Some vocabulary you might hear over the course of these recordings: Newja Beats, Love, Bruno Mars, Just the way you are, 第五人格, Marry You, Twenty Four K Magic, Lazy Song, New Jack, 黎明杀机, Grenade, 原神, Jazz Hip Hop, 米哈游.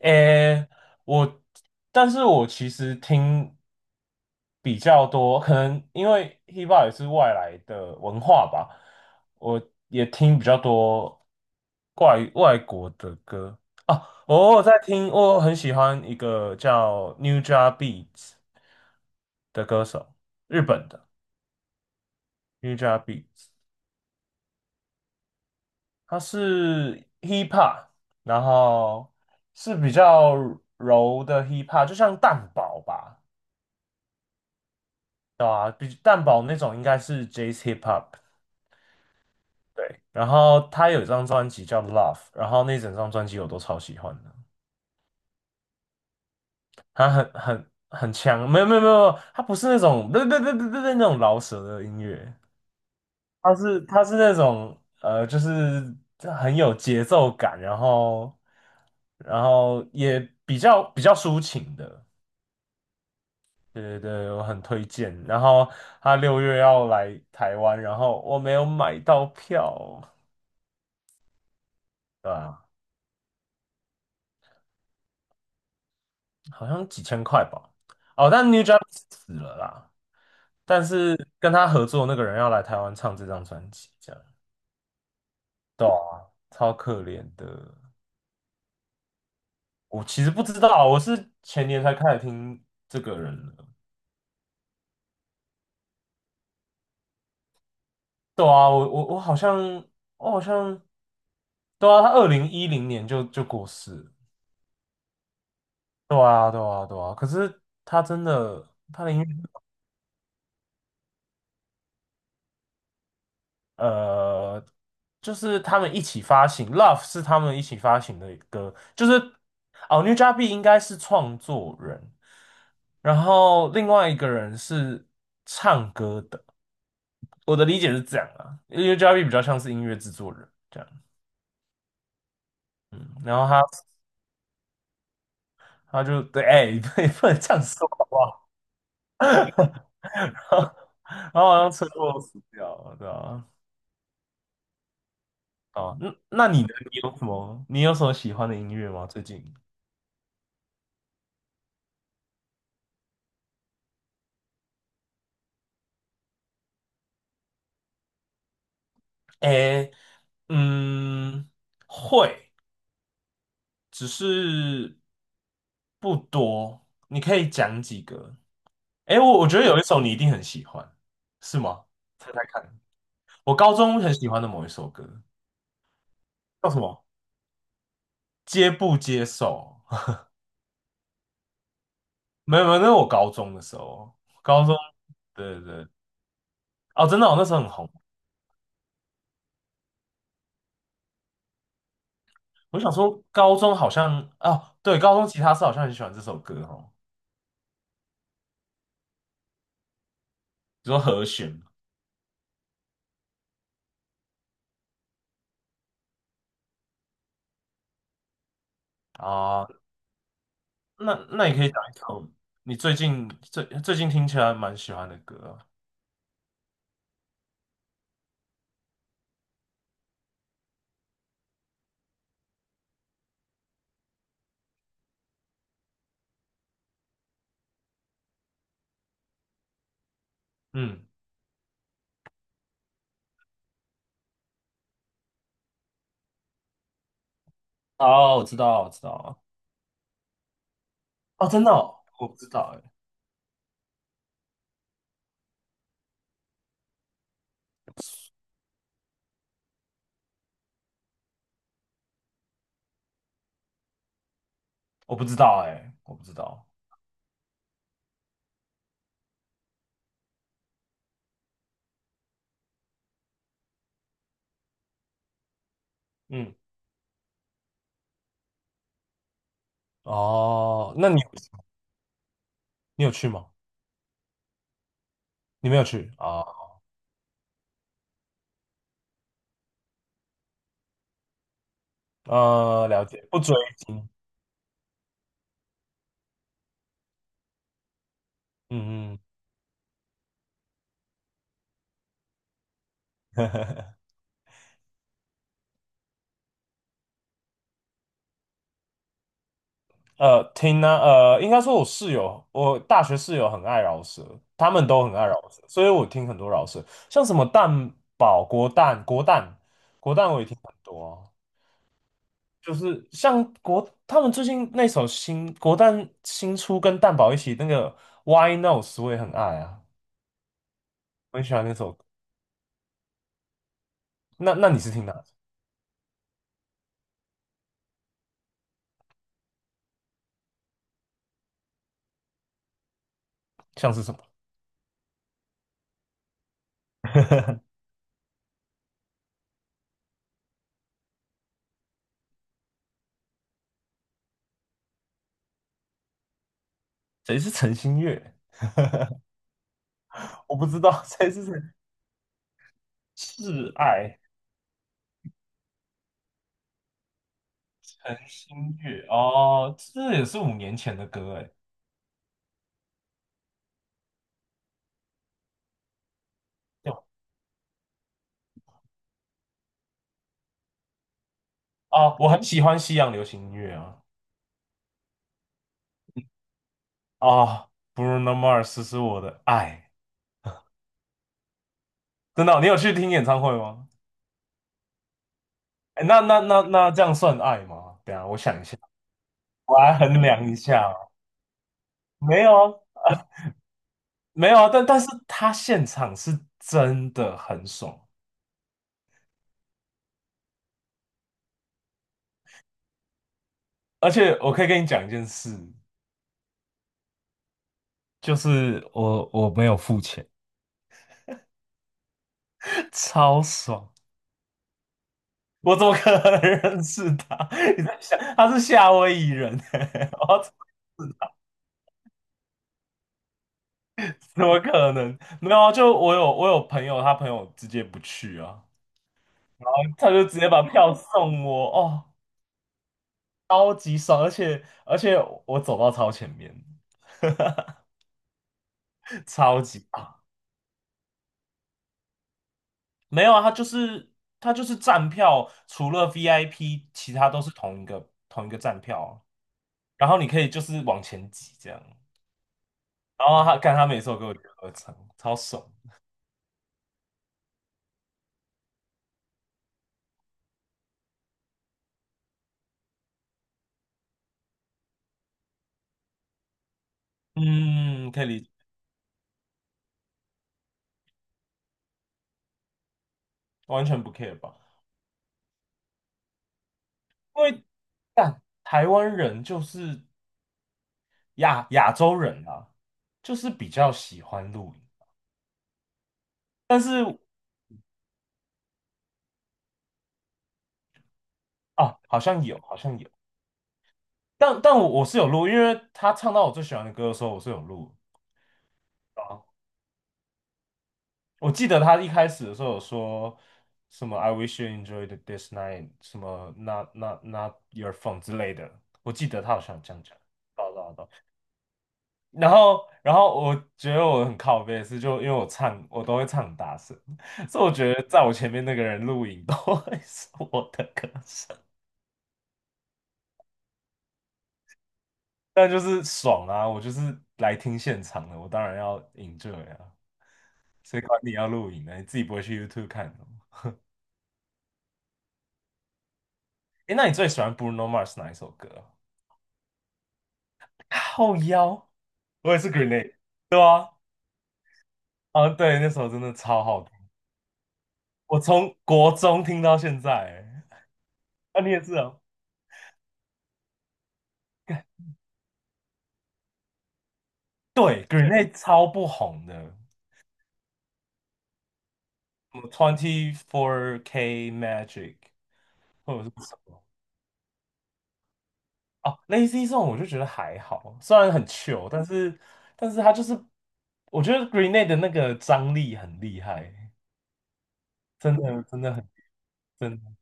诶，我，但是我其实听比较多，可能因为 hiphop 也是外来的文化吧，我也听比较多怪外国的歌啊。我偶尔在听，我很喜欢一个叫 Newja Beats 的歌手，日本的 Newja Beats，他是 hiphop，然后是比较柔的 hiphop，就像蛋堡吧。对啊，比蛋堡那种应该是 Jazz Hip Hop，对。然后他有一张专辑叫《Love》，然后那整张专辑我都超喜欢的，他很强，没有没有没有，他不是那种不那种饶舌的音乐，他是那种就是很有节奏感，然后也比较抒情的。对对对，我很推荐。然后他6月要来台湾，然后我没有买到票，对啊好像几千块吧。哦，但 New Jack 死了啦，但是跟他合作那个人要来台湾唱这张专辑，这样对啊超可怜的。我其实不知道啊，我是前年才开始听这个人的。对啊，我好像我好像对啊，他2010年就过世了对啊，对啊，对啊。可是他真的，他的音乐。呃，就是他们一起发行，Love 是他们一起发行的歌，就是哦，New j a b i 应该是创作人，然后另外一个人是唱歌的，我的理解是这样啊，New j a b i 比较像是音乐制作人这样，嗯，然后他就对，哎、你不能这样说好不好？然后然后好像车祸死掉了，对啊，哦，那你呢？你有什么喜欢的音乐吗？最近？哎。嗯，会，只是不多。你可以讲几个？诶，我觉得有一首你一定很喜欢，是吗？猜猜看，我高中很喜欢的某一首歌叫什么？接不接受？没有没有，那是我高中的时候，高中，对对对，哦，真的哦，我那时候很红。我想说，高中好像哦，对，高中吉他社好像很喜欢这首歌哦，你说和弦啊，那你可以讲一首你最近听起来蛮喜欢的歌啊嗯，哦，我知道，我知道。哦，真的哦，我不知道哎，我不知道哎，我不知道。嗯，哦，那你有去吗？你没有去啊？了解，不追星。嗯嗯，应该说我室友，我大学室友很爱饶舌，他们都很爱饶舌，所以我听很多饶舌，像什么蛋堡、国蛋、国蛋、国蛋，我也听很多啊就是像国他们最近那首新国蛋新出跟蛋宝一起那个《Why n o w s 我也很爱啊，我很喜欢那首歌那你是听哪首像是什么？谁是陈星月？我不知道 谁是谁。挚爱陈星月哦，这也是5年前的歌哎。有啊，我很喜欢西洋流行音乐啊啊，Bruno Mars 是我的爱，真的哦你有去听演唱会吗？哎，那这样算爱吗？等一下我想一下。我来衡量一下哦没有啊，没有啊，但是他现场是真的很爽，而且我可以跟你讲一件事，就是我没有付钱，超爽。我怎么可能认识他？你在想他是夏威夷人、欸，我怎么可能？没有啊，就我有朋友，他朋友直接不去啊，他就直接把票送我，哦，超级爽，而且我走到超前面，超级。棒。没有啊，他就是站票，除了 VIP，其他都是同一个站票啊，然后你可以就是往前挤这样，然后他每首都给我合成，超爽。嗯，可以理解，完全不 care 吧？因为但台湾人就是亚洲人啊，就是比较喜欢露音。但是啊，好像有，但我是有录，因为他唱到我最喜欢的歌的时候，我是有录。啊。我记得他一开始的时候有说什么 "I wish you enjoyed this night"，什么 "not not not your phone" 之类的。我记得他好像有这样讲，报道的。然后，我觉得我很靠背的是，就因为我唱，我都会唱很大声，所以我觉得在我前面那个人录影都会是我的歌声，但就是爽啊！我就是来听现场的，我当然要 enjoy 啊，谁管你要录影呢？你自己不会去 YouTube 看的吗？诶，那你最喜欢 Bruno Mars 哪一首歌啊后腰，我也是 Grenade，对啊，啊对，那首真的超好听，我从国中听到现在欸，啊你也是啊，干对，Grenade 超不红的，什么 Twenty Four K Magic 或者是什么哦，Lazy Song 我就觉得还好，虽然很糗，但是他就是，我觉得 Grenade 的那个张力很厉害，真的真的很真的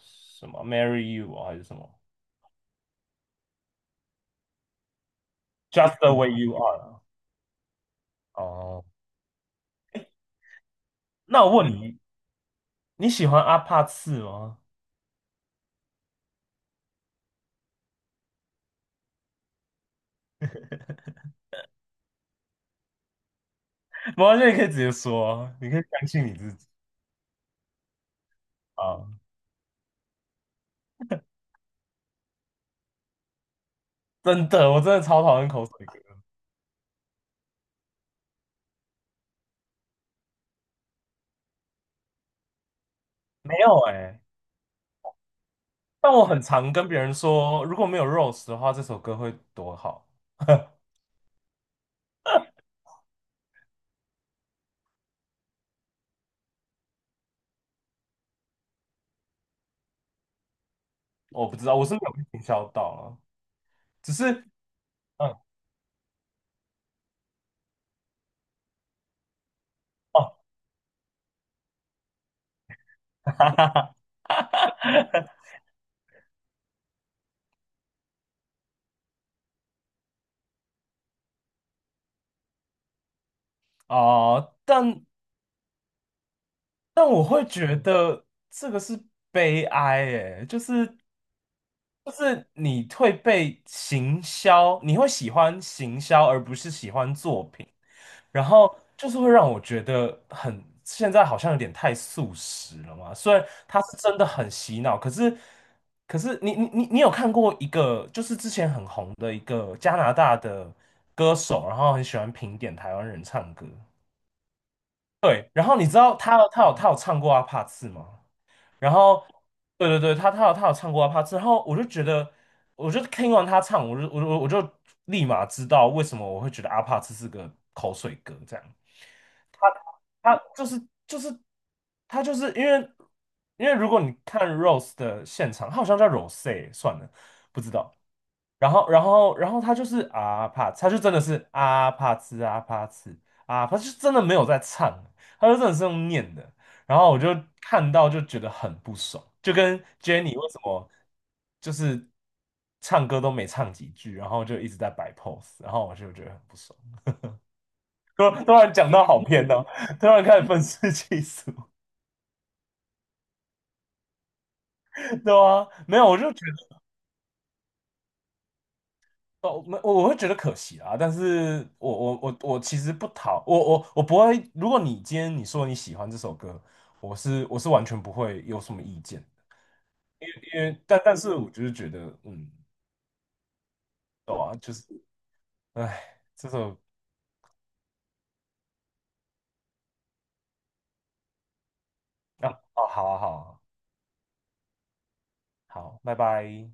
什么 Marry You 啊还是什么 Just the way you are 啊哦。那我问你，你喜欢阿帕次吗？没关系，你可以直接说啊你可以相信你自己啊！真的，我真的超讨厌口水歌。没有哎、但我很常跟别人说，如果没有 Rose 的话，这首歌会多好。我不知道，我是没有被营销到啊，只是嗯哦，哈哈哈哈哈哈哦，但我会觉得这个是悲哀，诶，就是你会被行销，你会喜欢行销而不是喜欢作品，然后就是会让我觉得很，现在好像有点太素食了嘛。虽然它是真的很洗脑，可是你有看过一个，就是之前很红的一个加拿大的歌手，然后很喜欢评点台湾人唱歌。对，然后你知道他有唱过阿帕茨吗？然后，对对对，他有唱过阿帕茨，然后我就觉得，我就听完他唱，我就立马知道为什么我会觉得阿帕茨是个口水歌这样。他就是就是他就是因为如果你看 Rose 的现场，他好像叫 Rose 算了，不知道。然后他就真的是啊帕兹啊帕兹啊他就真的没有在唱，他就真的是用念的。然后我就看到就觉得很不爽，就跟 Jenny 为什么就是唱歌都没唱几句，然后就一直在摆 pose，然后我就觉得很不爽。突然讲到好偏哦，突然开始愤世嫉俗，对啊，没有，我就哦，我会觉得可惜啊，但是我其实不讨我我我不会。如果你今天你说你喜欢这首歌，我是完全不会有什么意见，因为但是我就是觉得，嗯，对啊，就是，哎，这首啊，哦，好啊，好啊，好，拜拜。